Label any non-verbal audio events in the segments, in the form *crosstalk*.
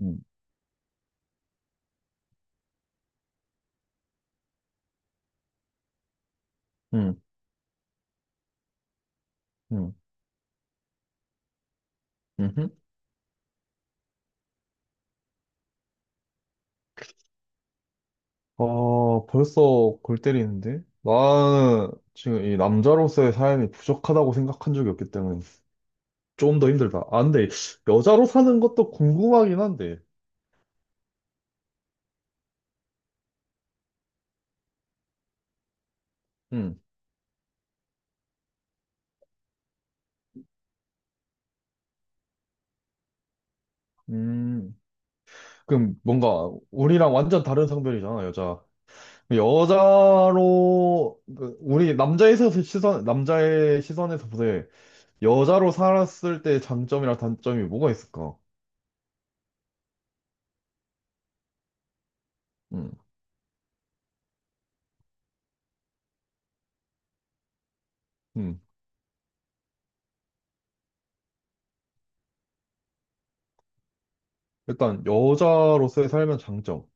음, 음, 음, 음흠. 아, 벌써 골 때리는데? 나는 지금 이 남자로서의 삶이 부족하다고 생각한 적이 없기 때문에 좀 더 힘들다. 아, 근데 여자로 사는 것도 궁금하긴 한데. 음, 음. 그럼 뭔가 우리랑 완전 다른 성별이잖아, 여자. 여자로, 그 우리 남자에서 시선, 남자의 시선에서 보되 여자로 살았을 때 장점이랑 단점이 뭐가 있을까? 음, 음. 일단 여자로서의 삶의 장점.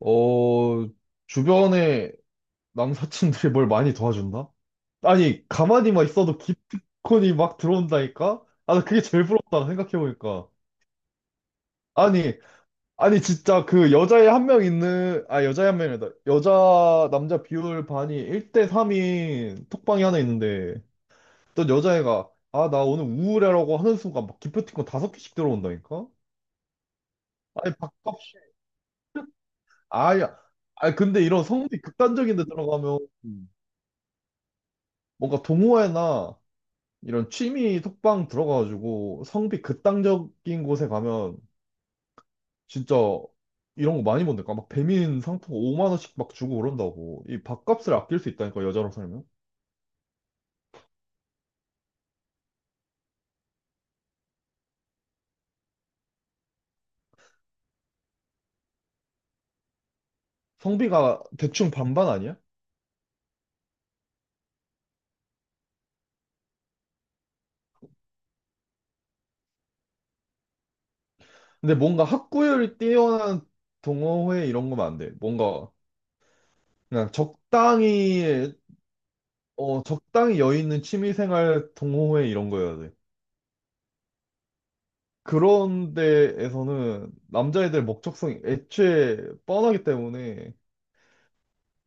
어, 주변에 남사친들이 뭘 많이 도와준다? 아니, 가만히만 있어도 기프티콘이 막 들어온다니까? 아, 나 그게 제일 부럽다, 생각해보니까. 아니, 아니, 진짜 그 여자애 한 명 있는, 아, 여자애 한 명이다. 여자, 남자 비율 반이 1대 3인 톡방이 하나 있는데, 어떤 여자애가, 아, 나 오늘 우울해라고 하는 순간 막 기프티콘 5개씩 들어온다니까? 아니, 밥값이, 아야, 아 근데 이런 성비 극단적인 데 들어가면, 뭔가 동호회나 이런 취미 톡방 들어가가지고 성비 극단적인 곳에 가면 진짜 이런 거 많이 본다니까. 막 배민 상품 5만 원씩 막 주고 그런다고. 이 밥값을 아낄 수 있다니까 여자로 살면. 성비가 대충 반반 아니야? 근데 뭔가 학구열이 뛰어난 동호회 이런 거면 안 돼. 뭔가 그냥 적당히 적당히 여유 있는 취미생활 동호회 이런 거여야 돼. 그런 데에서는 남자애들 목적성이 애초에 뻔하기 때문에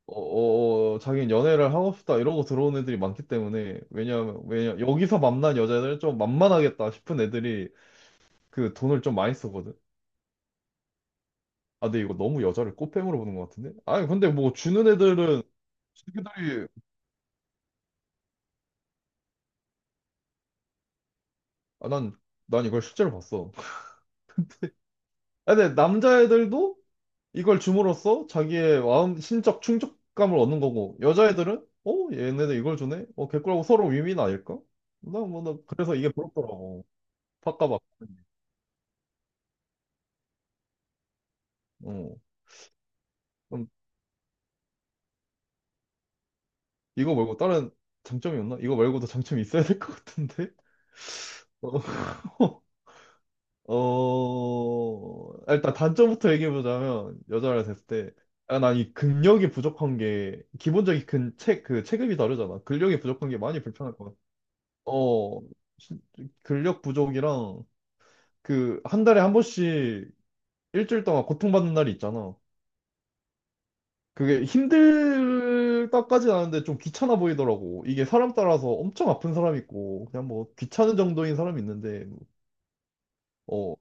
자기는 연애를 하고 싶다 이러고 들어온 애들이 많기 때문에 왜냐하면 왜냐 여기서 만난 여자들 좀 만만하겠다 싶은 애들이 그 돈을 좀 많이 쓰거든. 아, 근데 이거 너무 여자를 꽃뱀으로 보는 것 같은데? 아니 근데 뭐 주는 애들은 자기들이 아, 난, 난 이걸 실제로 봤어. 아, 근데 남자애들도 이걸 줌으로써 자기의 마음, 심적 충족감을 얻는 거고, 여자애들은, 어, 얘네들 이걸 주네? 어, 개꿀하고 서로 윈윈 아닐까? 그래서 이게 부럽더라고. 바꿔봐. 어. 그럼 이거 말고 다른 장점이 없나? 이거 말고도 장점이 있어야 될 것 같은데? *laughs* 어, 일단 단점부터 얘기해보자면, 여자를 됐을 때, 아, 난이 근력이 부족한 게, 기본적인 근, 체, 그 체급이 다르잖아. 근력이 부족한 게 많이 불편할 것 같아. 어, 진- 근력 부족이랑 그 한 달에 한 번씩 일주일 동안 고통받는 날이 있잖아. 그게 힘들다까지는 아닌데 좀 귀찮아 보이더라고. 이게 사람 따라서 엄청 아픈 사람 있고 그냥 뭐 귀찮은 정도인 사람이 있는데 어,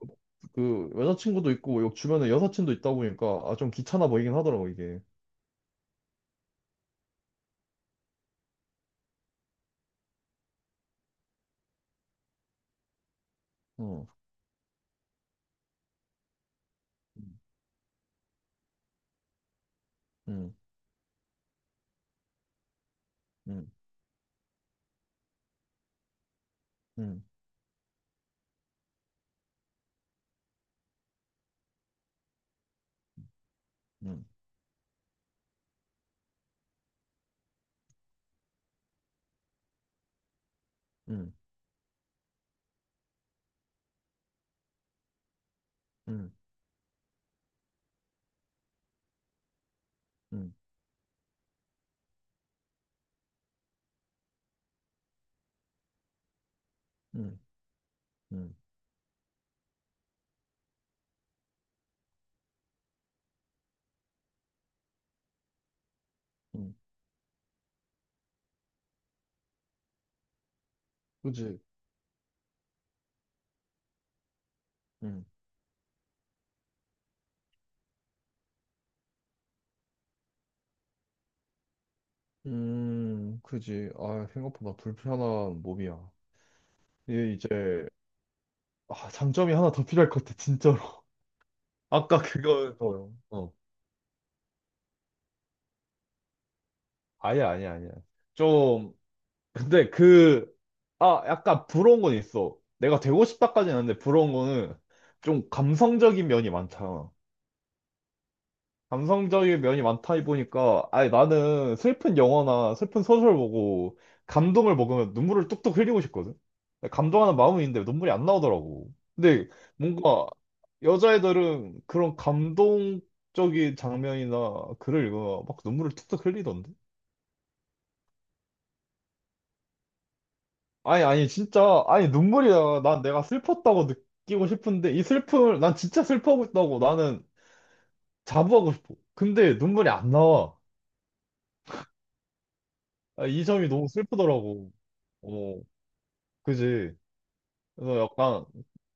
그 여자친구도 있고 주변에 여사친도 있다 보니까 아, 좀 귀찮아 보이긴 하더라고 이게. 어. 음, 음, 음, 음, 음, 음, 음, 음, 음, 음, 그지. 그지. 아, 생각보다 불편한 몸이야. 이게 이제, 아, 장점이 하나 더 필요할 것 같아, 진짜로. *laughs* 아까 그거, 어, 어. 아니야, 아니야, 아니야. 좀, 근데 그, 아, 약간 부러운 건 있어. 내가 되고 싶다까지는 아닌데, 부러운 거는 좀 감성적인 면이 많잖아. 감성적인 면이 많다 보니까 아니 나는 슬픈 영화나 슬픈 소설 보고 감동을 먹으면 눈물을 뚝뚝 흘리고 싶거든. 감동하는 마음은 있는데 눈물이 안 나오더라고. 근데 뭔가 여자애들은 그런 감동적인 장면이나 글을 읽으면 막 눈물을 뚝뚝 흘리던데. 아니 아니 진짜 아니 눈물이야. 난 내가 슬펐다고 느끼고 싶은데 이 슬픔을 난 진짜 슬퍼하고 있다고 나는 자부하고 싶어. 근데 눈물이 안 나와. 아, 이 점이 너무 슬프더라고. 어, 그지. 그래서 약간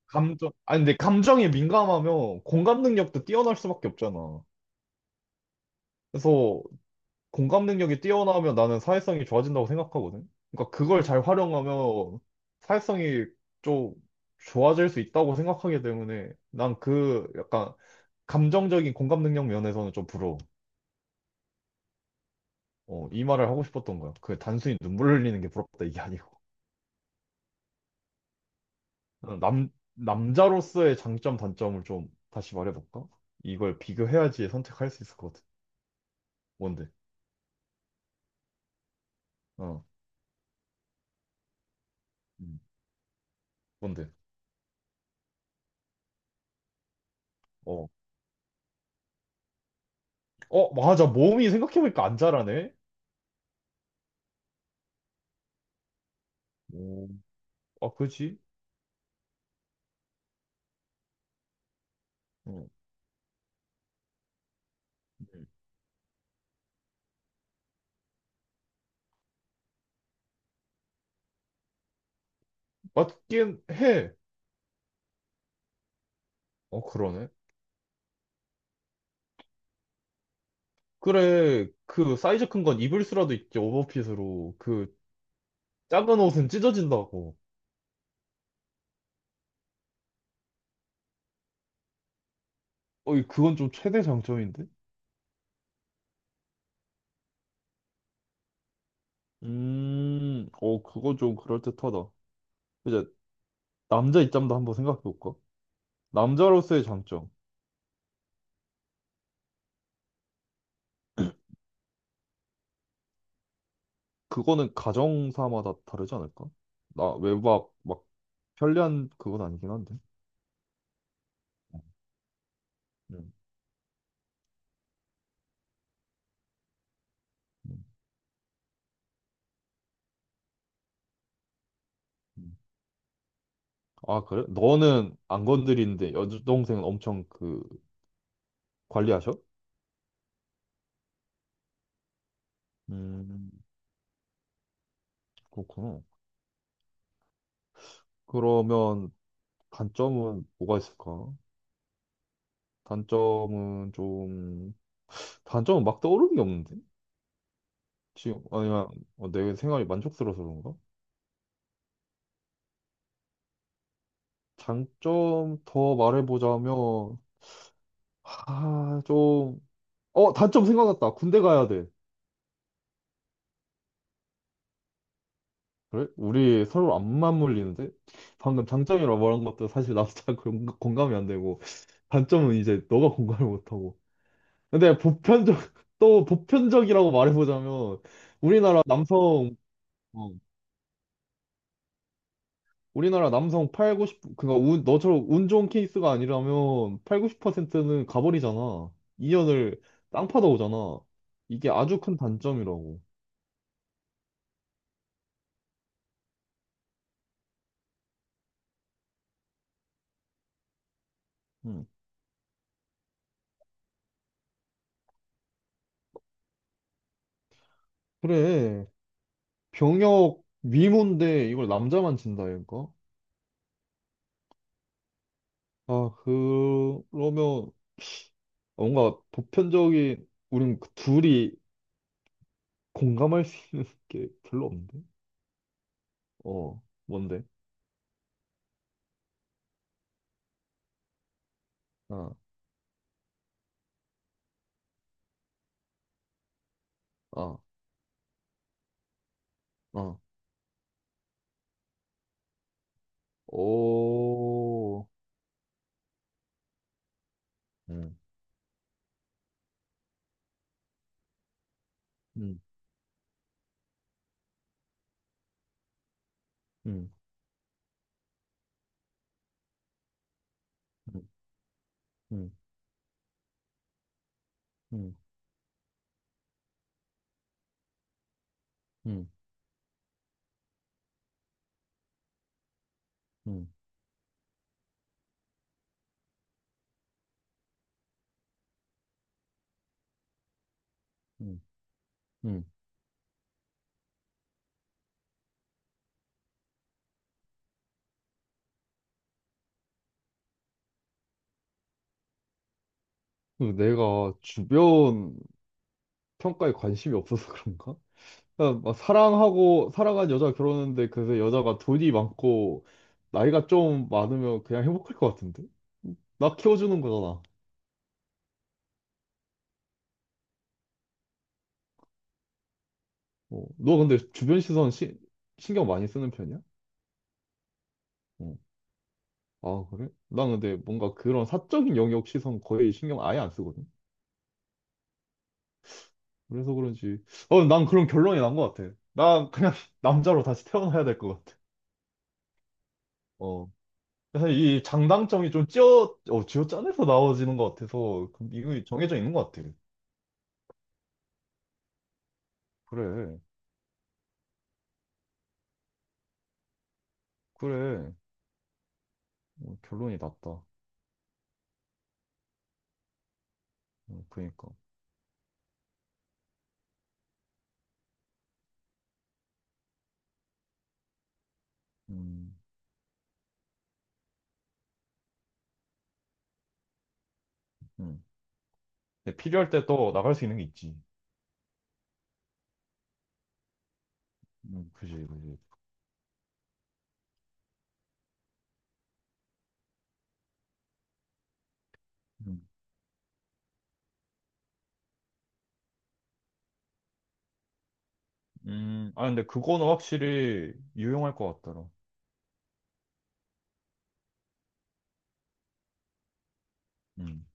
감정, 아니 근데 감정이 민감하면 공감 능력도 뛰어날 수밖에 없잖아. 그래서 공감 능력이 뛰어나면 나는 사회성이 좋아진다고 생각하거든. 그러니까 그걸 잘 활용하면 사회성이 좀 좋아질 수 있다고 생각하기 때문에 난 그 약간 감정적인 공감 능력 면에서는 좀 부러워. 어, 이 말을 하고 싶었던 거야. 그 단순히 눈물 흘리는 게 부럽다 이게 아니고. 어, 남, 남자로서의 장점, 단점을 좀 다시 말해볼까? 이걸 비교해야지 선택할 수 있을 것 같아. 뭔데? 어, 음, 뭔데? 어, 어, 맞아. 몸이 생각해보니까 안 자라네? 오, 아, 그지? 어, 음. 맞긴 해. 어, 그러네. 그래, 그 사이즈 큰 건 입을 수라도 있지, 오버핏으로. 그 작은 옷은 찢어진다고. 어, 이- 그건 좀 최대 장점인데? 어, 그건 좀 그럴듯하다. 이제 남자 입장도 한번 생각해볼까? 남자로서의 장점. 그거는 가정사마다 다르지 않을까? 나 외박 막 편리한 그건 아니긴 한데. 음, 음, 음. 아, 그래? 너는 안 건드리는데 여동생은 엄청 그 관리하셔? 음, 그렇구나. 그러면 단점은 뭐가 있을까? 단점은 좀 단점은 막 떠오르는 게 없는데? 지금 아니면 어, 내 생활이 만족스러워서 그런가? 장점 더 말해보자면 아, 좀 어, 단점 생각났다. 군대 가야 돼. 그래? 우리 서로 안 맞물리는데? 방금 장점이라고 말한 것도 사실 나도 잘 *laughs* 공감이 안 되고, 단점은 이제 너가 공감을 못하고. 근데 보편적, *laughs* 또 보편적이라고 말해보자면, 우리나라 남성, 어, 우리나라 남성 팔 구십 그니까 운, 너처럼 운 좋은 케이스가 아니라면 퍼 90%는 가버리잖아. 이년을 땅 파다 오잖아. 이게 아주 큰 단점이라고. 응. 그래. 병역 위문데 이걸 남자만 진다 이거? 그러면 뭔가 보편적인 우린 그 둘이 공감할 수 있는 게 별로 없는데? 어, 뭔데? 아, 아, 아, 오, 음, 음, 음, 음, 음, 음, 음, 음, 음. 음. 그 내가 주변 평가에 관심이 없어서 *laughs* 그런가? 그러니까 막 사랑하고 사랑한 여자가 결혼했는데 그래서 여자가 돈이 많고 나이가 좀 많으면 그냥 행복할 것 같은데? 나 키워주는 거잖아. 어. 너 근데 신경 많이 쓰는 편이야? 어. 아 그래? 난 근데 뭔가 그런 사적인 영역 시선 거의 신경 아예 안 쓰거든. 그래서 그런지 어 난 그런 결론이 난 것 같아. 난 그냥 *laughs* 남자로 다시 태어나야 될 것 같아. 어. 그래서 이 장단점이 좀 쥐어짜내서 나와지는 것 같아서 그 이거 정해져 있는 것 같아. 그래. 그래. 어, 결론이 났다. 어, 그니까. 음, 음. 근데 필요할 때 또 나갈 수 있는 게 있지. 그지, 그지. 음, 아, 근데 그거는 확실히 유용할 것 같더라. 음.